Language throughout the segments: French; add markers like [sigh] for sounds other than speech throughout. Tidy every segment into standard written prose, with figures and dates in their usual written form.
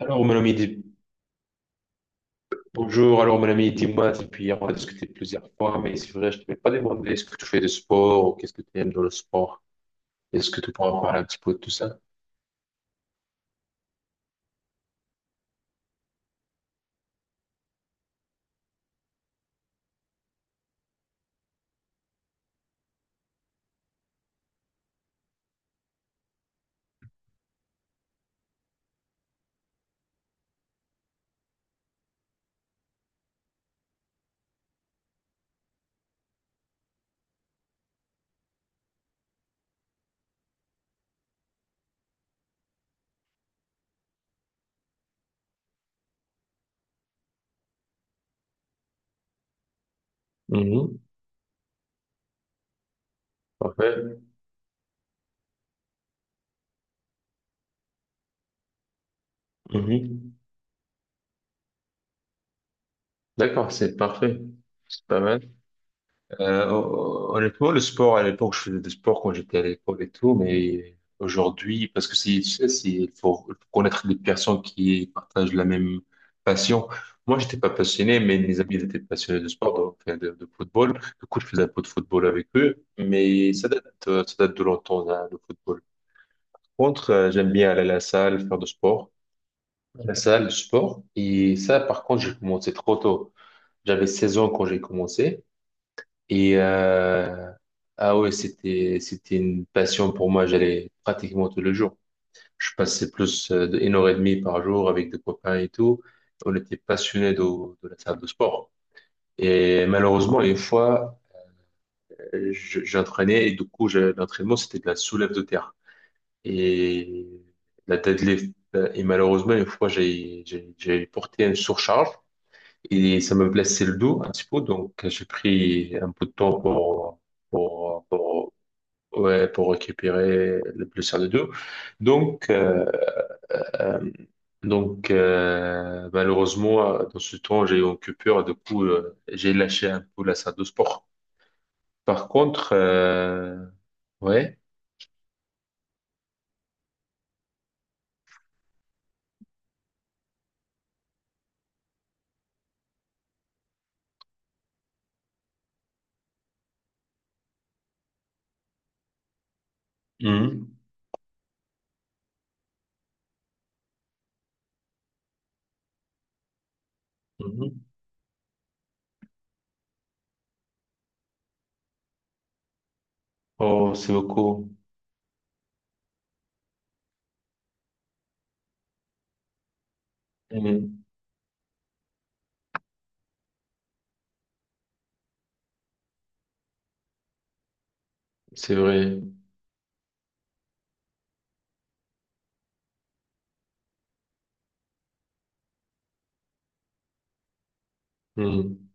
Alors, mon ami, bonjour. Alors, mon ami, dis-moi, depuis hier, on a discuté plusieurs fois, mais c'est vrai, je ne t'ai pas demandé est-ce que tu fais du sport ou qu'est-ce que tu aimes dans le sport. Est-ce que tu pourras parler un petit peu de tout ça? Mhm. Parfait. Mhm. D'accord, c'est parfait. C'est pas mal. Honnêtement, le sport, à l'époque, je faisais du sport quand j'étais à l'école et tout, mais aujourd'hui, parce que c'est, tu sais, c'est, il faut connaître des personnes qui partagent la même passion. Moi, j'étais pas passionné, mais mes amis ils étaient passionnés de sport, donc, enfin, de football. Du coup, je faisais un peu de football avec eux, mais ça date de longtemps, hein, le football. Par contre, j'aime bien aller à la salle, faire du sport. La salle, le sport. Et ça, par contre, j'ai commencé trop tôt. J'avais 16 ans quand j'ai commencé. Et euh, ah ouais, c'était une passion pour moi. J'allais pratiquement tous les jours. Je passais plus de 1 h 30 par jour avec des copains et tout. On était passionnés de la salle de sport. Et malheureusement, une fois, j'entraînais et du coup, l'entraînement, c'était de la soulève de terre et la deadlift. Et malheureusement, une fois, j'ai porté une surcharge et ça me blessait le dos un petit peu. Donc, j'ai pris un peu de temps pour pour, pour ouais, pour récupérer le plus co deux. Donc, euh, euh, donc, malheureusement, dans ce temps, j'ai eu une coupure. Du coup, j'ai lâché un peu la salle de sport. Par contre, ouais. Mhm. Mhm. Oh, c'est beaucoup. Mhm. C'est vrai. Mhm.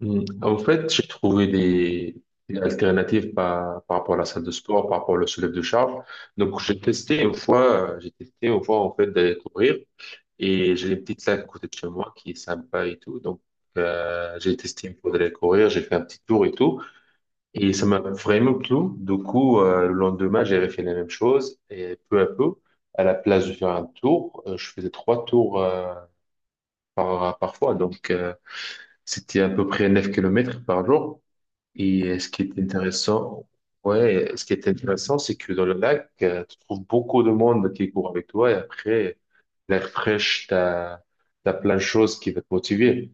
Mhm. En fait, j'ai trouvé des alternatives par rapport à la salle de sport, par rapport au soulève de charge. Donc, j'ai testé une fois, en fait, d'aller courir. Et j'ai une petite lac à côté de chez moi qui est sympa et tout. Donc, j'ai testé, il me faudrait courir, j'ai fait un petit tour et tout. Et ça m'a vraiment plu. Du coup, le lendemain, j'ai refait la même chose. Et peu à peu, à la place de faire un tour, je faisais trois tours par fois. Donc, c'était à peu près 9 km par jour. Ce qui est intéressant, ouais, ce qui est intéressant, c'est que dans le lac, tu trouves beaucoup de monde qui court avec toi et après, l'air fraîche, t'as, t'as plein de choses qui vont te motiver.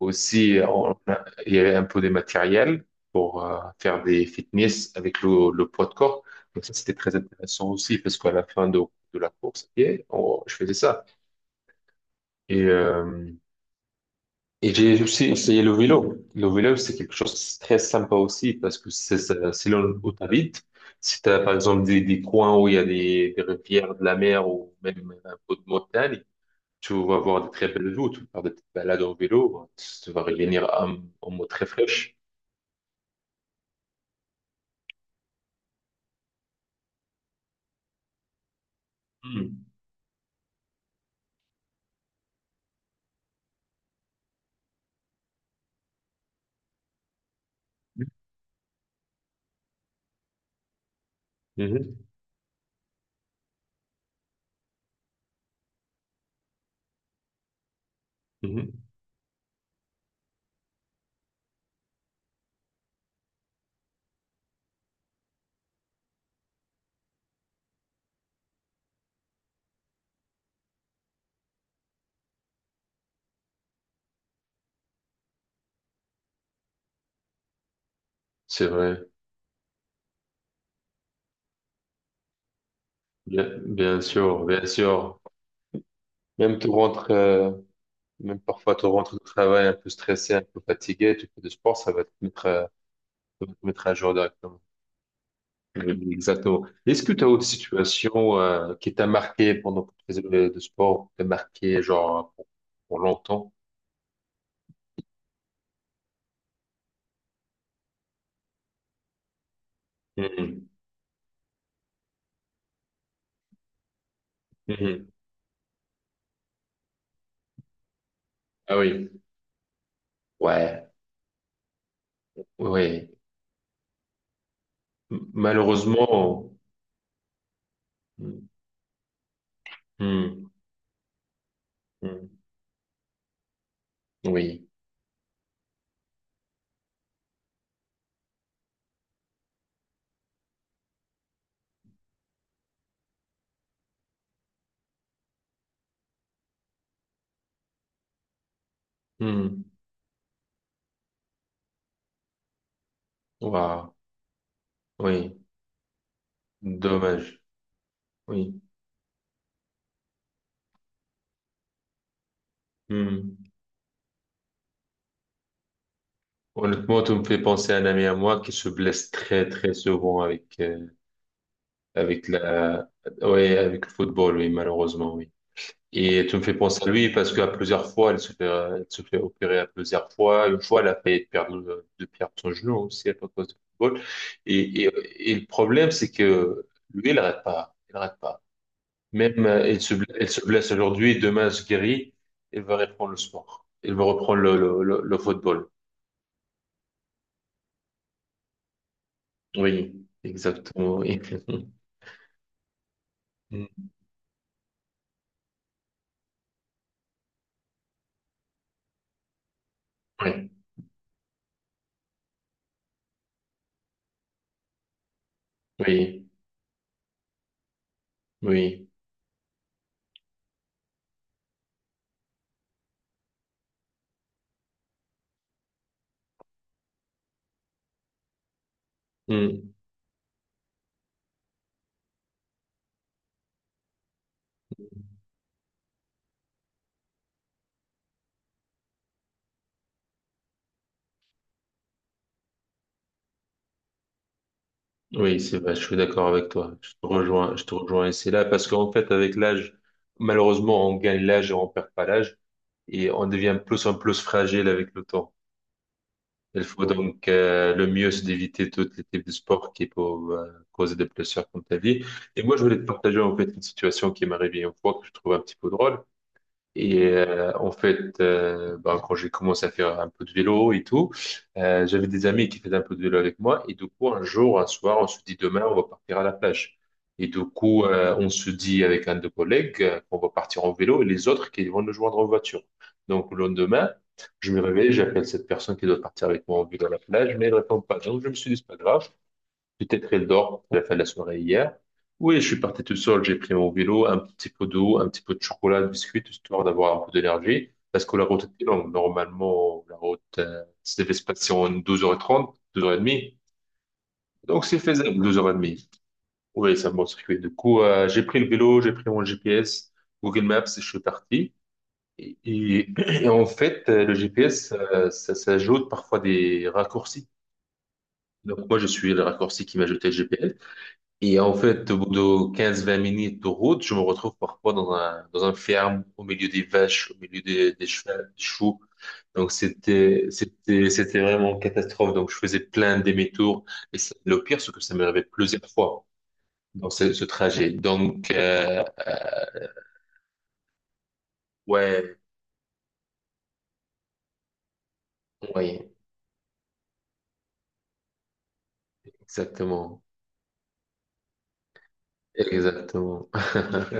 Aussi, il y avait un peu de matériel pour faire des fitness avec le poids de corps. Donc ça, c'était très intéressant aussi parce qu'à la fin de la course, à pied, je faisais ça. Et euh, et j'ai aussi essayé le vélo. Le vélo, c'est quelque chose de très sympa aussi parce que c'est selon où tu habites, si tu as par exemple des coins où il y a des rivières, de la mer ou même un peu de montagne, tu vas voir des très belles vues, tu vas faire des petites balades en vélo, tu vas revenir en mode très fraîche. Hmm. Mhm, mhm. C'est vrai, bien sûr, bien sûr. Même tu rentres, euh, même parfois tu rentres du travail un peu stressé, un peu fatigué, tu fais du sport, ça va te mettre à jour directement. Oui, exactement. Est-ce que tu as autre situation qui t'a marqué pendant que tu faisais de sport, qui t'a marqué genre pour, longtemps? Mhm. Mhm. Ah oui, ouais, ouais. Malheureusement, Mhm. Mhm. Oui, Mhm. Waouh. Oui, dommage, oui. Mhm. Honnêtement, tu me fais penser à un ami à moi qui se blesse très très souvent avec avec la, ouais, avec le football, oui, malheureusement, oui. Et tu me fais penser à lui parce qu'à plusieurs fois, elle se fait opérer à plusieurs fois. Une fois, elle a failli perdre son genou aussi à cause du football. Et, le problème, c'est que lui, il n'arrête pas. Il n'arrête pas. Même, elle se blesse aujourd'hui, demain, elle se guérit. Elle va reprendre le sport. Elle va reprendre le football. Oui, exactement. Oui, [laughs] Mm. Oui, oui. Oui. Mm. Oui, c'est vrai, je suis d'accord avec toi. Je te rejoins, je te rejoins. Et c'est là parce qu'en fait, avec l'âge, malheureusement, on gagne l'âge et on perd pas l'âge et on devient plus en plus fragile avec le temps. Il faut donc le mieux, c'est d'éviter tous les types de sports qui peuvent causer des blessures comme ta vie. Et moi, je voulais te partager en fait une situation qui m'est arrivée une fois que je trouve un petit peu drôle. Et en fait, bah, quand j'ai commencé à faire un peu de vélo et tout, j'avais des amis qui faisaient un peu de vélo avec moi. Et du coup, un jour, un soir, on se dit demain, on va partir à la plage. Et du coup, on se dit avec un de nos collègues qu'on va partir en vélo et les autres qui vont nous joindre en voiture. Donc, le lendemain, je me réveille, j'appelle cette personne qui doit partir avec moi en vélo à la plage, mais elle ne répond pas. Donc, je me suis dit, c'est pas grave. Peut-être elle dort de la fin de la soirée hier. Oui, je suis parti tout seul, j'ai pris mon vélo, un petit peu d'eau, un petit peu de chocolat, de biscuits, histoire d'avoir un peu d'énergie. Parce que la route était longue. Normalement, la route, se devait se passer en 12h30, 12h30. Donc, c'est faisable, 12h30. Oui, ça me circuit. Du coup, j'ai pris le vélo, j'ai pris mon GPS, Google Maps, et je suis parti. Et, et- [clears throat] et en fait, le GPS, ça, ça ajoute parfois des raccourcis. Donc, moi, je suis le raccourci qui m'a jeté le GPS. Et en fait, au bout de quinze-vingt minutes de route, je me retrouve parfois dans un ferme, au milieu des vaches, au milieu des chevaux, des chevaux. Donc, c'était vraiment une catastrophe. Donc, je faisais plein de demi-tours. Et le pire, c'est que ça m'est arrivé plusieurs fois dans ce trajet. Donc, ouais, oui, exactement. Exactement. [laughs]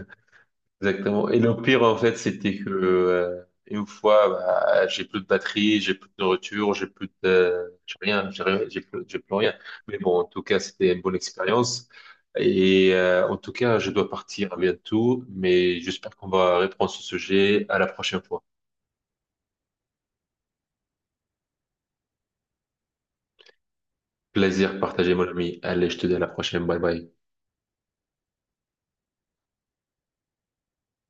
Exactement. Et le pire, en fait, c'était que une fois, bah, j'ai plus de batterie, j'ai plus de nourriture, J'ai rien, j'ai rien, j'ai plus rien. Mais bon, en tout cas, c'était une bonne expérience. Et en tout cas, je dois partir bientôt, mais j'espère qu'on va reprendre ce sujet à la prochaine fois. Plaisir partagé, mon ami. Allez, je te dis à la prochaine. Bye bye.